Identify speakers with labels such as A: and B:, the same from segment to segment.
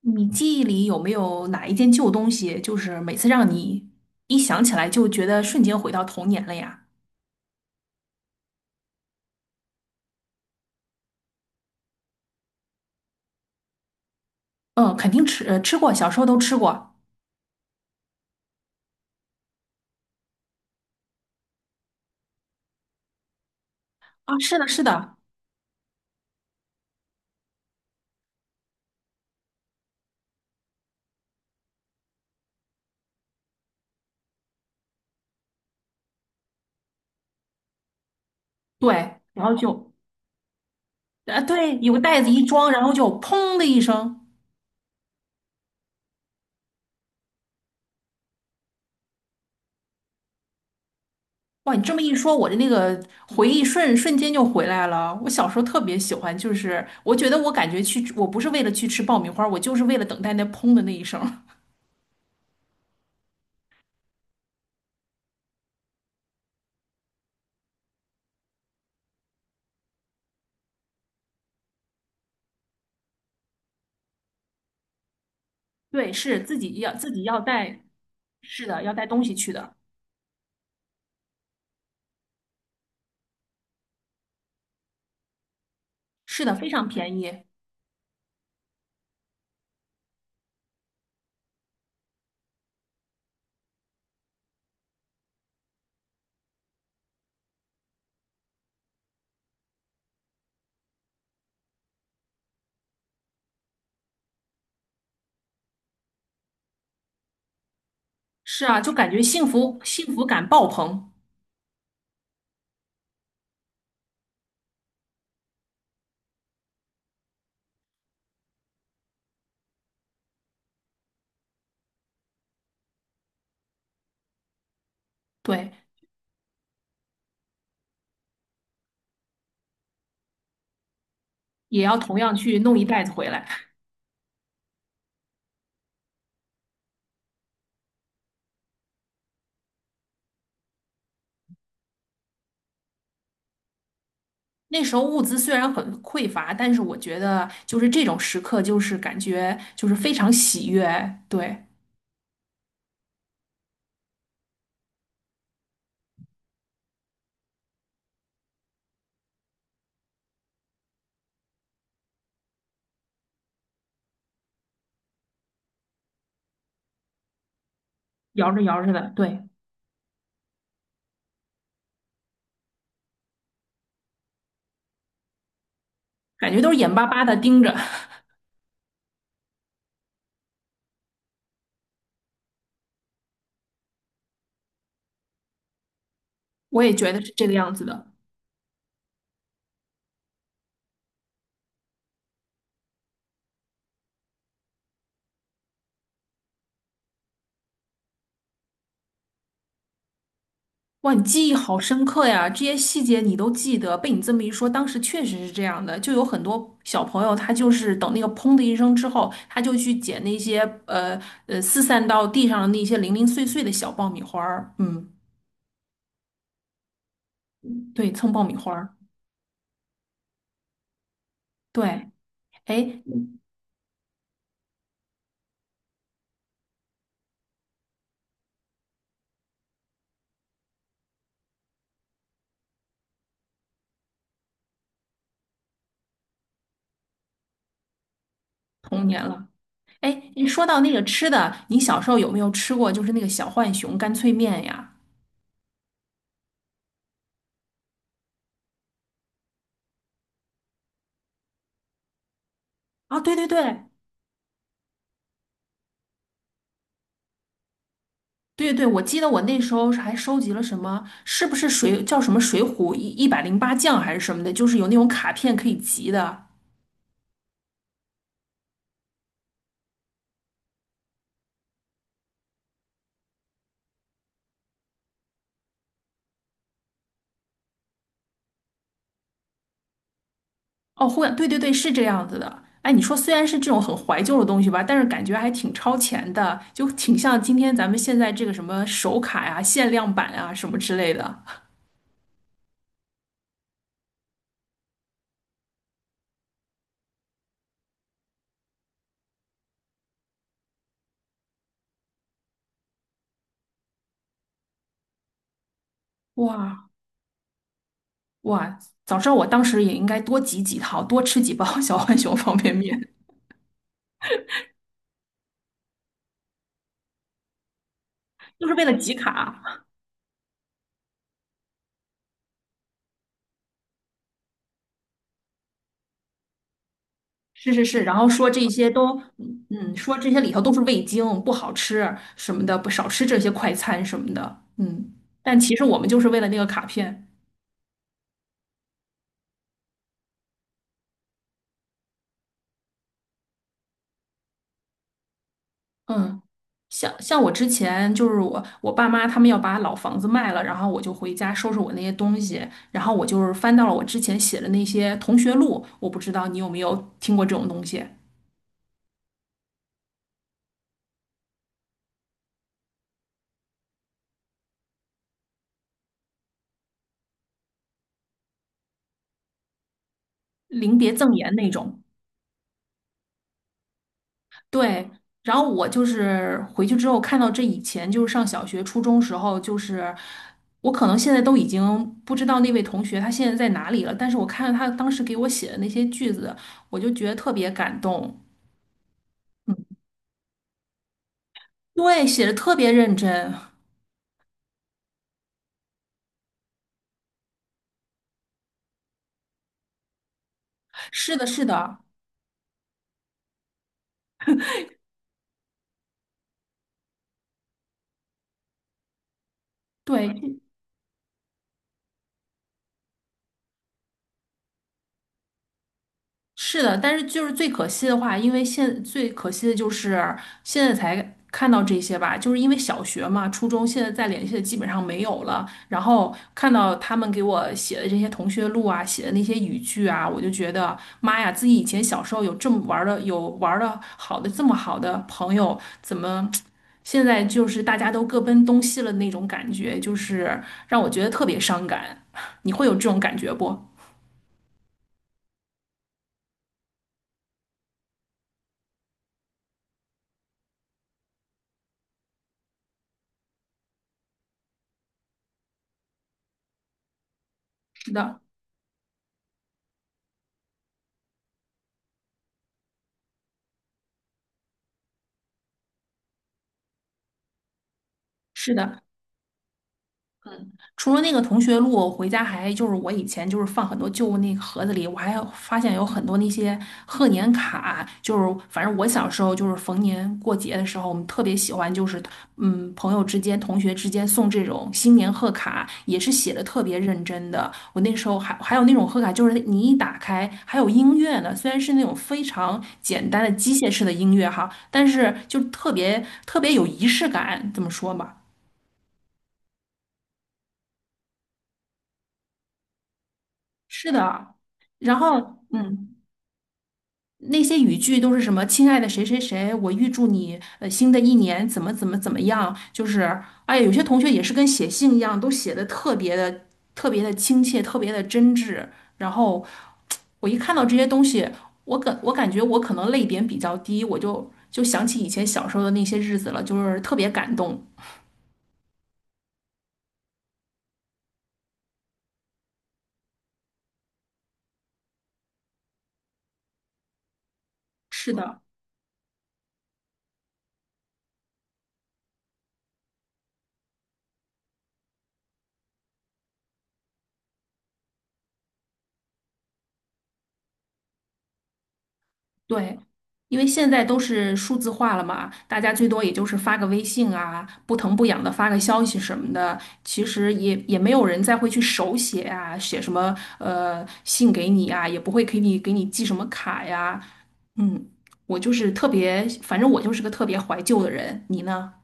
A: 你记忆里有没有哪一件旧东西，就是每次让你一想起来就觉得瞬间回到童年了呀？嗯，肯定吃，吃过，小时候都吃过。啊，是的，是的。对，然后就，啊，对，有个袋子一装，然后就砰的一声。哇，你这么一说，我的那个回忆瞬间就回来了。我小时候特别喜欢，就是我觉得我感觉去，我不是为了去吃爆米花，我就是为了等待那砰的那一声。对，是自己要带，是的，要带东西去的。是的，非常便宜。是啊，就感觉幸福感爆棚。对，也要同样去弄一袋子回来。那时候物资虽然很匮乏，但是我觉得就是这种时刻，就是感觉就是非常喜悦。对，摇着摇着的，对，感觉都是眼巴巴的盯着。我也觉得是这个样子的。哇，你记忆好深刻呀！这些细节你都记得，被你这么一说，当时确实是这样的。就有很多小朋友，他就是等那个砰的一声之后，他就去捡那些呃四散到地上的那些零零碎碎的小爆米花儿。嗯，对，蹭爆米花儿。对，哎，童年了。哎，说到那个吃的，你小时候有没有吃过就是那个小浣熊干脆面呀？啊，对对对，对对，我记得我那时候还收集了什么，是不是叫什么《水浒一百零八将》还是什么的，就是有那种卡片可以集的。哦，会，对对对，是这样子的。哎，你说虽然是这种很怀旧的东西吧，但是感觉还挺超前的，就挺像今天咱们现在这个什么手卡呀、限量版啊什么之类的。哇哇，早知道我当时也应该多集几套，多吃几包 小浣熊方便面，就是为了集卡。是是是，然后说这些都，嗯，嗯说这些里头都是味精，不好吃什么的，不少吃这些快餐什么的，嗯。但其实我们就是为了那个卡片，嗯。像我之前就是我爸妈他们要把老房子卖了，然后我就回家收拾我那些东西，然后我就是翻到了我之前写的那些同学录，我不知道你有没有听过这种东西，临别赠言那种。对，然后我就是回去之后看到这以前就是上小学、初中时候，就是我可能现在都已经不知道那位同学他现在在哪里了，但是我看到他当时给我写的那些句子，我就觉得特别感动。对，写的特别认真。是的，是的，对，是的，但是就是最可惜的话，因为现最可惜的就是现在才看到这些吧，就是因为小学嘛、初中现在再联系的基本上没有了。然后看到他们给我写的这些同学录啊，写的那些语句啊，我就觉得妈呀，自己以前小时候有这么玩的，有玩的好的这么好的朋友，怎么现在就是大家都各奔东西了那种感觉，就是让我觉得特别伤感。你会有这种感觉不？是的，是的。嗯除了那个同学录，我回家还就是我以前就是放很多旧那个盒子里，我还有发现有很多那些贺年卡，就是反正我小时候就是逢年过节的时候，我们特别喜欢就是嗯朋友之间、同学之间送这种新年贺卡，也是写的特别认真的。我那时候还有那种贺卡，就是你一打开还有音乐呢，虽然是那种非常简单的机械式的音乐哈，但是就特别特别有仪式感，这么说吧。是的，然后嗯，那些语句都是什么“亲爱的谁谁谁”，我预祝你新的一年怎么怎么怎么样，就是哎呀，有些同学也是跟写信一样，都写的特别的特别的亲切，特别的真挚。然后我一看到这些东西，我感觉我可能泪点比较低，我就想起以前小时候的那些日子了，就是特别感动。是的，对，因为现在都是数字化了嘛，大家最多也就是发个微信啊，不疼不痒的发个消息什么的，其实也没有人再会去手写啊，写什么信给你啊，也不会给你寄什么卡呀。嗯，我就是特别，反正我就是个特别怀旧的人，你呢？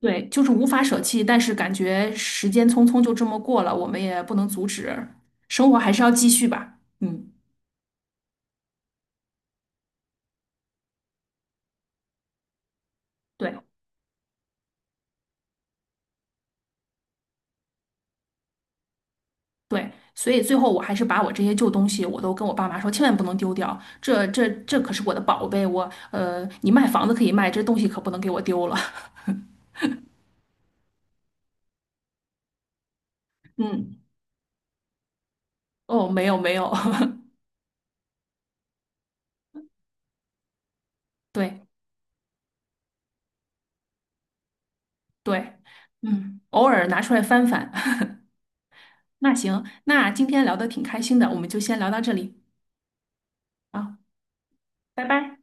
A: 对，就是无法舍弃，但是感觉时间匆匆就这么过了，我们也不能阻止，生活还是要继续吧。嗯，对。对，所以最后我还是把我这些旧东西，我都跟我爸妈说，千万不能丢掉，这可是我的宝贝，我，你卖房子可以卖，这东西可不能给我丢了。嗯，哦，没有没有，对对，嗯，偶尔拿出来翻翻。那行，那今天聊的挺开心的，我们就先聊到这里啊，拜拜。